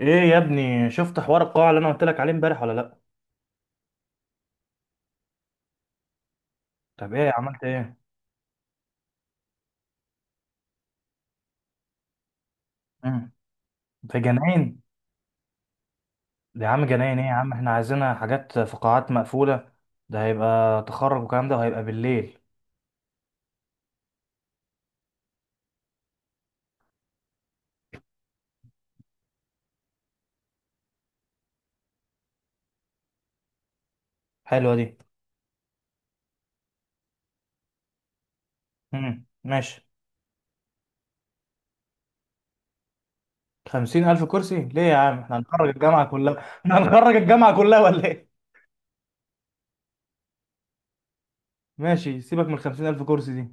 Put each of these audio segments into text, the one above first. ايه يا ابني، شفت حوار القاعة اللي انا قلت لك عليه امبارح ولا لا؟ طب ايه عملت ايه؟ مم. في جناين؟ ده يا عم جناين ايه يا عم، احنا عايزينها حاجات في قاعات مقفولة. ده هيبقى تخرج والكلام ده وهيبقى بالليل. حلوة دي. مم. ماشي. خمسين ألف كرسي ليه يا عم؟ احنا هنخرج الجامعة كلها احنا هنخرج الجامعة كلها ولا ايه؟ ماشي، سيبك من الخمسين ألف كرسي دي.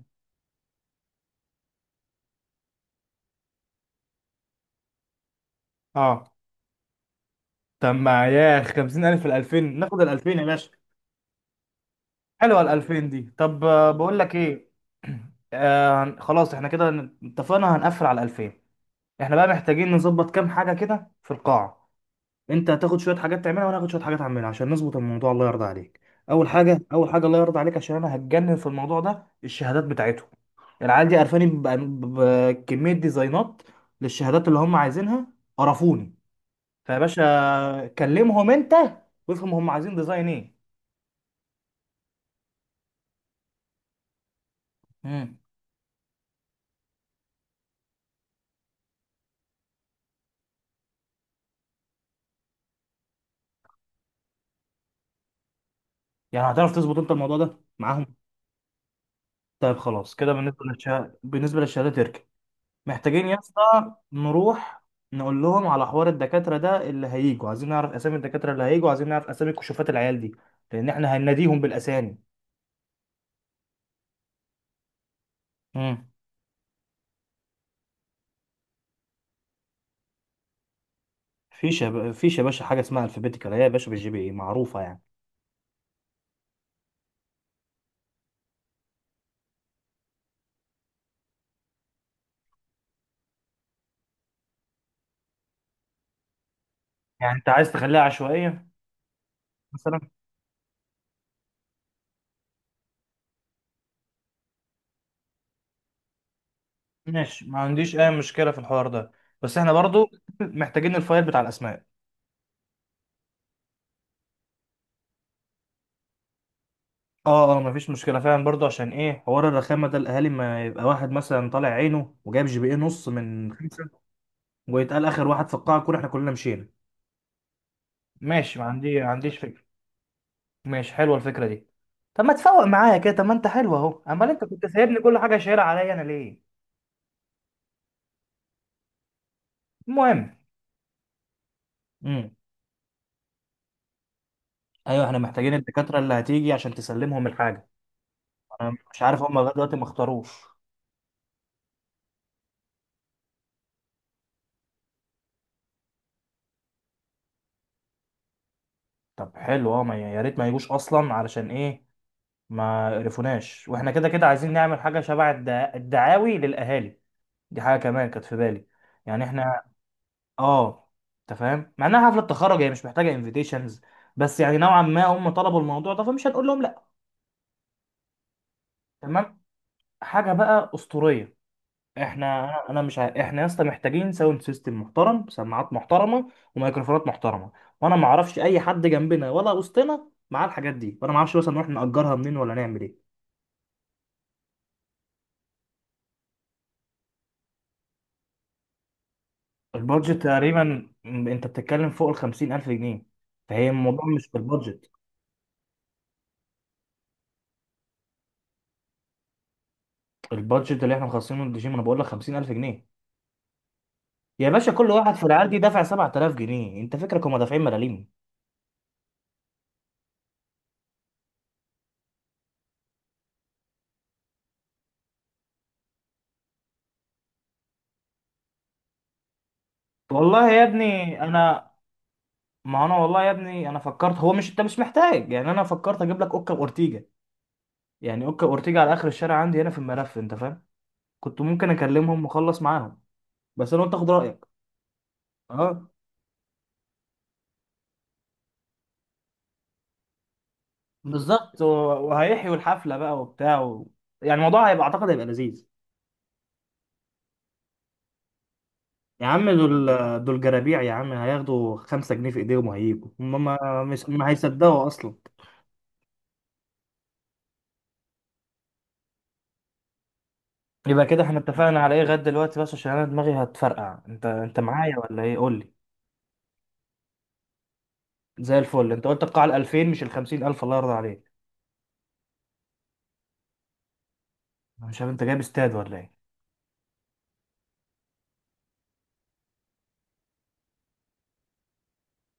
اه. طب ما ياخ خمسين ألف في الألفين، ناخد الألفين يا باشا. حلوه ال 2000 دي. طب بقول لك ايه. خلاص احنا كده اتفقنا هنقفل على 2000. احنا بقى محتاجين نظبط كام حاجه كده في القاعه. انت هتاخد شويه حاجات تعملها وانا هاخد شويه حاجات اعملها عشان نظبط الموضوع الله يرضى عليك. اول حاجه الله يرضى عليك عشان انا هتجنن في الموضوع ده الشهادات بتاعتهم. العيال دي قرفاني بكميه ديزاينات للشهادات اللي هم عايزينها. قرفوني. فيا باشا كلمهم انت وافهم هم عايزين ديزاين ايه. مم. يعني هتعرف تظبط انت الموضوع ده معاهم؟ طيب خلاص كده بالنسبة للشهادة تركي. محتاجين يا اسطى نروح نقول لهم على حوار الدكاترة ده اللي هيجوا، عايزين نعرف أسامي الدكاترة اللي هيجوا، عايزين نعرف أسامي كشوفات العيال دي. لأن احنا هنناديهم بالأسامي. امم فيش يا باشا حاجة اسمها الفابيتيكال، هي يا باشا بالجي بي إيه معروفة يعني. يعني أنت عايز تخليها عشوائية؟ مثلا. ماشي، ما عنديش أي مشكلة في الحوار ده. بس احنا برضو محتاجين الفايل بتاع الأسماء. اه اه، مفيش مشكله فعلا برضو عشان ايه حوار الرخامه ده، الاهالي ما يبقى واحد مثلا طالع عينه وجايب جي بي ايه نص من خمسه ويتقال اخر واحد في القاعه كلها احنا كلنا مشينا. ماشي، ما عنديش فكره. ماشي، حلوه الفكره دي. طب ما تفوق معايا كده، طب ما انت حلو اهو، امال انت كنت سايبني كل حاجه شايلها عليا انا ليه؟ المهم. امم. ايوه، احنا محتاجين الدكاتره اللي هتيجي عشان تسلمهم الحاجه. انا مش عارف هم لغايه دلوقتي ما اختاروش. طب حلو، اه يا ريت ما يجوش اصلا علشان ايه. ما عرفوناش واحنا كده كده عايزين نعمل حاجه شبه الدعاوي للاهالي. دي حاجه كمان كانت في بالي. يعني احنا اه انت فاهم، مع انها حفله تخرج هي مش محتاجه انفيتيشنز. بس يعني نوعا ما هم طلبوا الموضوع ده فمش هنقول لهم لا. تمام. حاجه بقى اسطوريه. احنا انا أنا مش ع... احنا يا اسطى محتاجين ساوند سيستم محترم، سماعات محترمه وميكروفونات محترمه. وانا ما اعرفش اي حد جنبنا ولا وسطنا معاه الحاجات دي، وانا ما اعرفش مثلا نروح نأجرها منين ولا نعمل ايه. البادجت تقريبا، انت بتتكلم فوق ال 50,000 جنيه، فهي الموضوع مش في البادجت. البادجت اللي احنا مخصصينه للجيم انا بقول لك 50,000 جنيه. يا باشا كل واحد في العيال دي دافع 7,000 جنيه، انت فكرك هم دافعين ملاليم؟ والله يا ابني انا والله يا ابني انا فكرت، هو مش انت مش محتاج يعني، انا فكرت اجيب لك اوكا اورتيجا. يعني اوكا اورتيجا على اخر الشارع عندي هنا في الملف، انت فاهم. كنت ممكن اكلمهم واخلص معاهم بس انا قلت اخد رايك. اه، بالظبط وهيحيوا الحفله بقى وبتاع يعني الموضوع اعتقد هيبقى لذيذ. يا عم دول جرابيع يا عم، هياخدوا 5 جنيه في ايديهم وهيجوا هم ما هيصدقوا اصلا. يبقى كده احنا اتفقنا على ايه غدا دلوقتي، بس عشان انا دماغي هتفرقع، انت معايا ولا ايه قول لي. زي الفل، انت قلت القاعه ال 2000 مش ال 50,000 الله يرضى عليك. انا مش عارف انت جايب استاد ولا ايه؟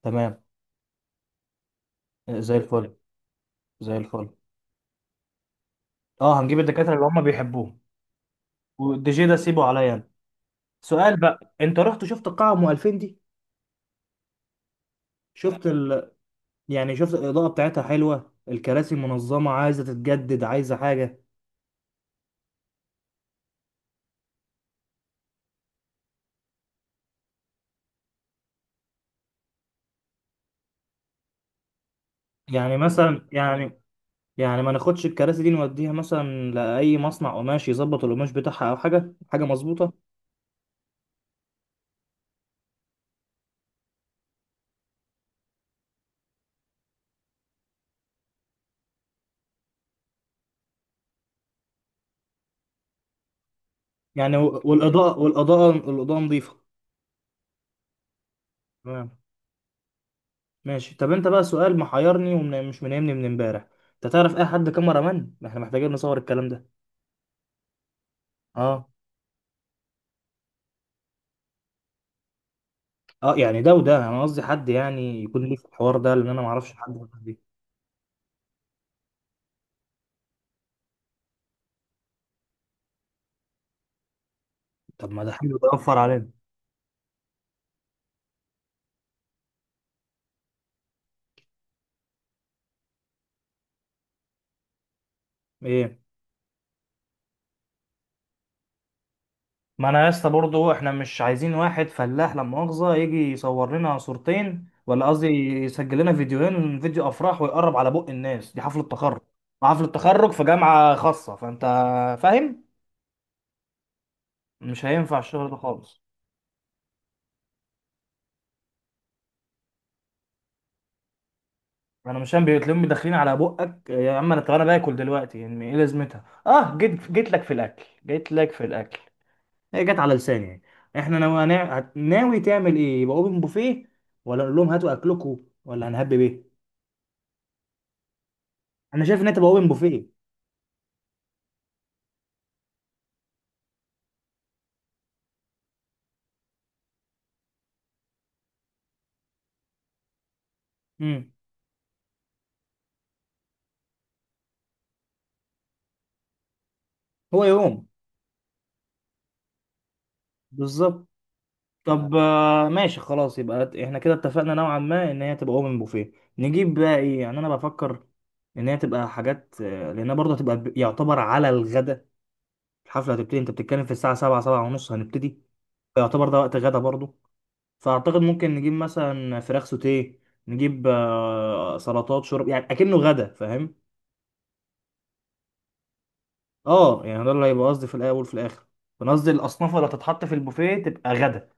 تمام. زي الفل. زي الفل، اه هنجيب الدكاتره اللي هم بيحبوهم. والدي جي ده سيبه عليا انا. سؤال بقى، انت رحت شفت القاعه ام 2000 دي؟ شفت ال... يعني شفت الاضاءه بتاعتها حلوه، الكراسي منظمه، عايزه تتجدد، عايزه حاجه؟ يعني مثلا، يعني ما ناخدش الكراسي دي نوديها مثلا لأي مصنع قماش يظبط القماش بتاعها أو حاجة مظبوطة. يعني و- والإضاءة والإضاءة الإضاءة نظيفة. تمام. ماشي، طب أنت بقى سؤال محيرني ومش منامني من امبارح. أنت تعرف أي حد كاميرا مان؟ ما إحنا محتاجين نصور الكلام ده. أه أه، يعني ده وده، أنا قصدي حد يعني يكون ليه في الحوار ده، لأن أنا ما أعرفش حد من الناس دي. طب ما ده حلو ده يوفر علينا. إيه. ما انا يا اسطى برضه احنا مش عايزين واحد فلاح لا مؤاخذه يجي يصور لنا صورتين، ولا قصدي يسجل لنا فيديوهين، فيديو افراح ويقرب على بق الناس دي، حفله تخرج وحفله تخرج في جامعه خاصه، فانت فاهم، مش هينفع الشغل ده خالص. انا مش فاهم بيتلم داخلين على بقك يا عم، انا طب انا باكل دلوقتي يعني ايه لازمتها، اه جيت لك في الاكل. هي جت على لساني يعني. احنا ناوي تعمل ايه، يبقى اوبن بوفيه ولا نقول لهم هاتوا اكلكم ولا هنهب بيه؟ انا شايف ان انت بقى اوبن بوفيه. امم. هو يوم. بالظبط. طب ماشي خلاص يبقى احنا كده اتفقنا نوعا ما ان هي تبقى اوبن بوفيه. نجيب بقى ايه يعني، انا بفكر ان هي تبقى حاجات، لانها برضه هتبقى يعتبر على الغدا. الحفله هتبتدي، انت بتتكلم في الساعه 7، 7 ونص هنبتدي. يعتبر ده وقت غدا برضه. فاعتقد ممكن نجيب مثلا فراخ سوتيه، نجيب سلطات شرب، يعني اكنه غدا فاهم. اه يعني ده اللي هيبقى قصدي في الاول وفي الاخر. انا قصدي الاصناف اللي هتتحط في البوفيه تبقى غدا.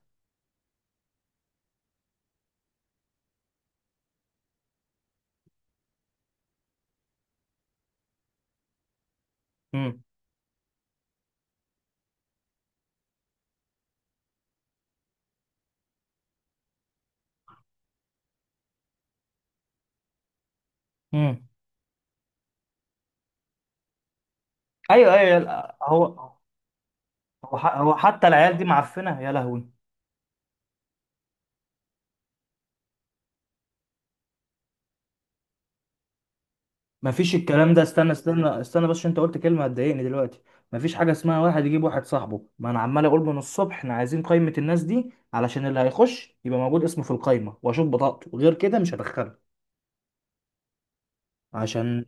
امم. ايوه ايوه، لا، هو حتى العيال دي معفنه يا لهوي. ما فيش الكلام ده، استنى استنى استنى، بس عشان انت قلت كلمه هتضايقني دلوقتي. ما فيش حاجه اسمها واحد يجيب واحد صاحبه، ما انا عمال اقول من الصبح احنا عايزين قائمه الناس دي علشان اللي هيخش يبقى موجود اسمه في القائمه واشوف بطاقته، غير كده مش هدخله. عشان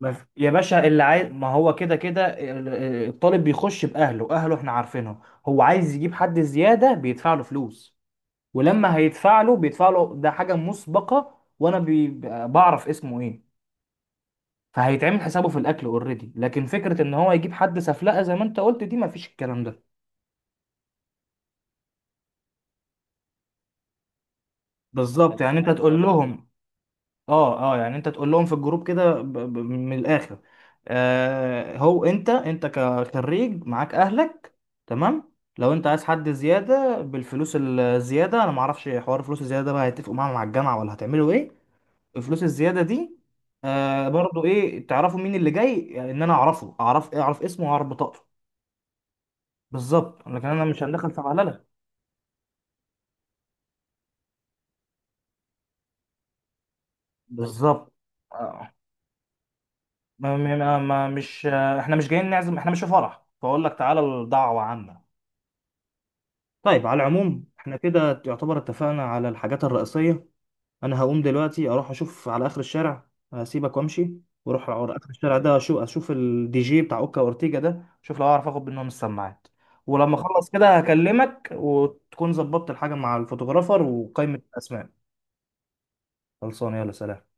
ما في... يا باشا اللي عايز ما هو كده كده الطالب بيخش باهله، اهله احنا عارفينهم. هو عايز يجيب حد زياده بيدفع له فلوس. ولما هيدفع له بيدفع له ده حاجه مسبقه، وانا بعرف اسمه ايه. فهيتعمل حسابه في الاكل اوريدي، لكن فكره ان هو يجيب حد سفلقه زي ما انت قلت دي مفيش الكلام ده. بالظبط، يعني انت الحاجة تقول بتبقى لهم. اه اه، يعني انت تقول لهم في الجروب كده من الاخر. هو انت كخريج معاك اهلك. تمام. لو انت عايز حد زياده بالفلوس الزياده انا معرفش حوار الفلوس الزياده ده بقى، هيتفقوا معاهم مع الجامعه ولا هتعملوا ايه؟ الفلوس الزياده دي. برضو ايه تعرفوا مين اللي جاي، يعني ان انا اعرفه، اعرف اسمه واعرف بطاقته. بالظبط لكن انا مش هندخل في بهلله. بالظبط. آه. مش آه، احنا مش جايين نعزم، احنا مش في فرح فاقول لك تعالى، الدعوه عامه. طيب على العموم احنا كده يعتبر اتفقنا على الحاجات الرئيسيه. انا هقوم دلوقتي اروح اشوف على اخر الشارع هسيبك وامشي. واروح على اخر الشارع ده اشوف الدي جي بتاع اوكا اورتيجا ده، اشوف لو اعرف اخد منهم السماعات. ولما اخلص كده هكلمك وتكون ظبطت الحاجه مع الفوتوغرافر وقائمه الاسماء. خلصانه، يلا سلام.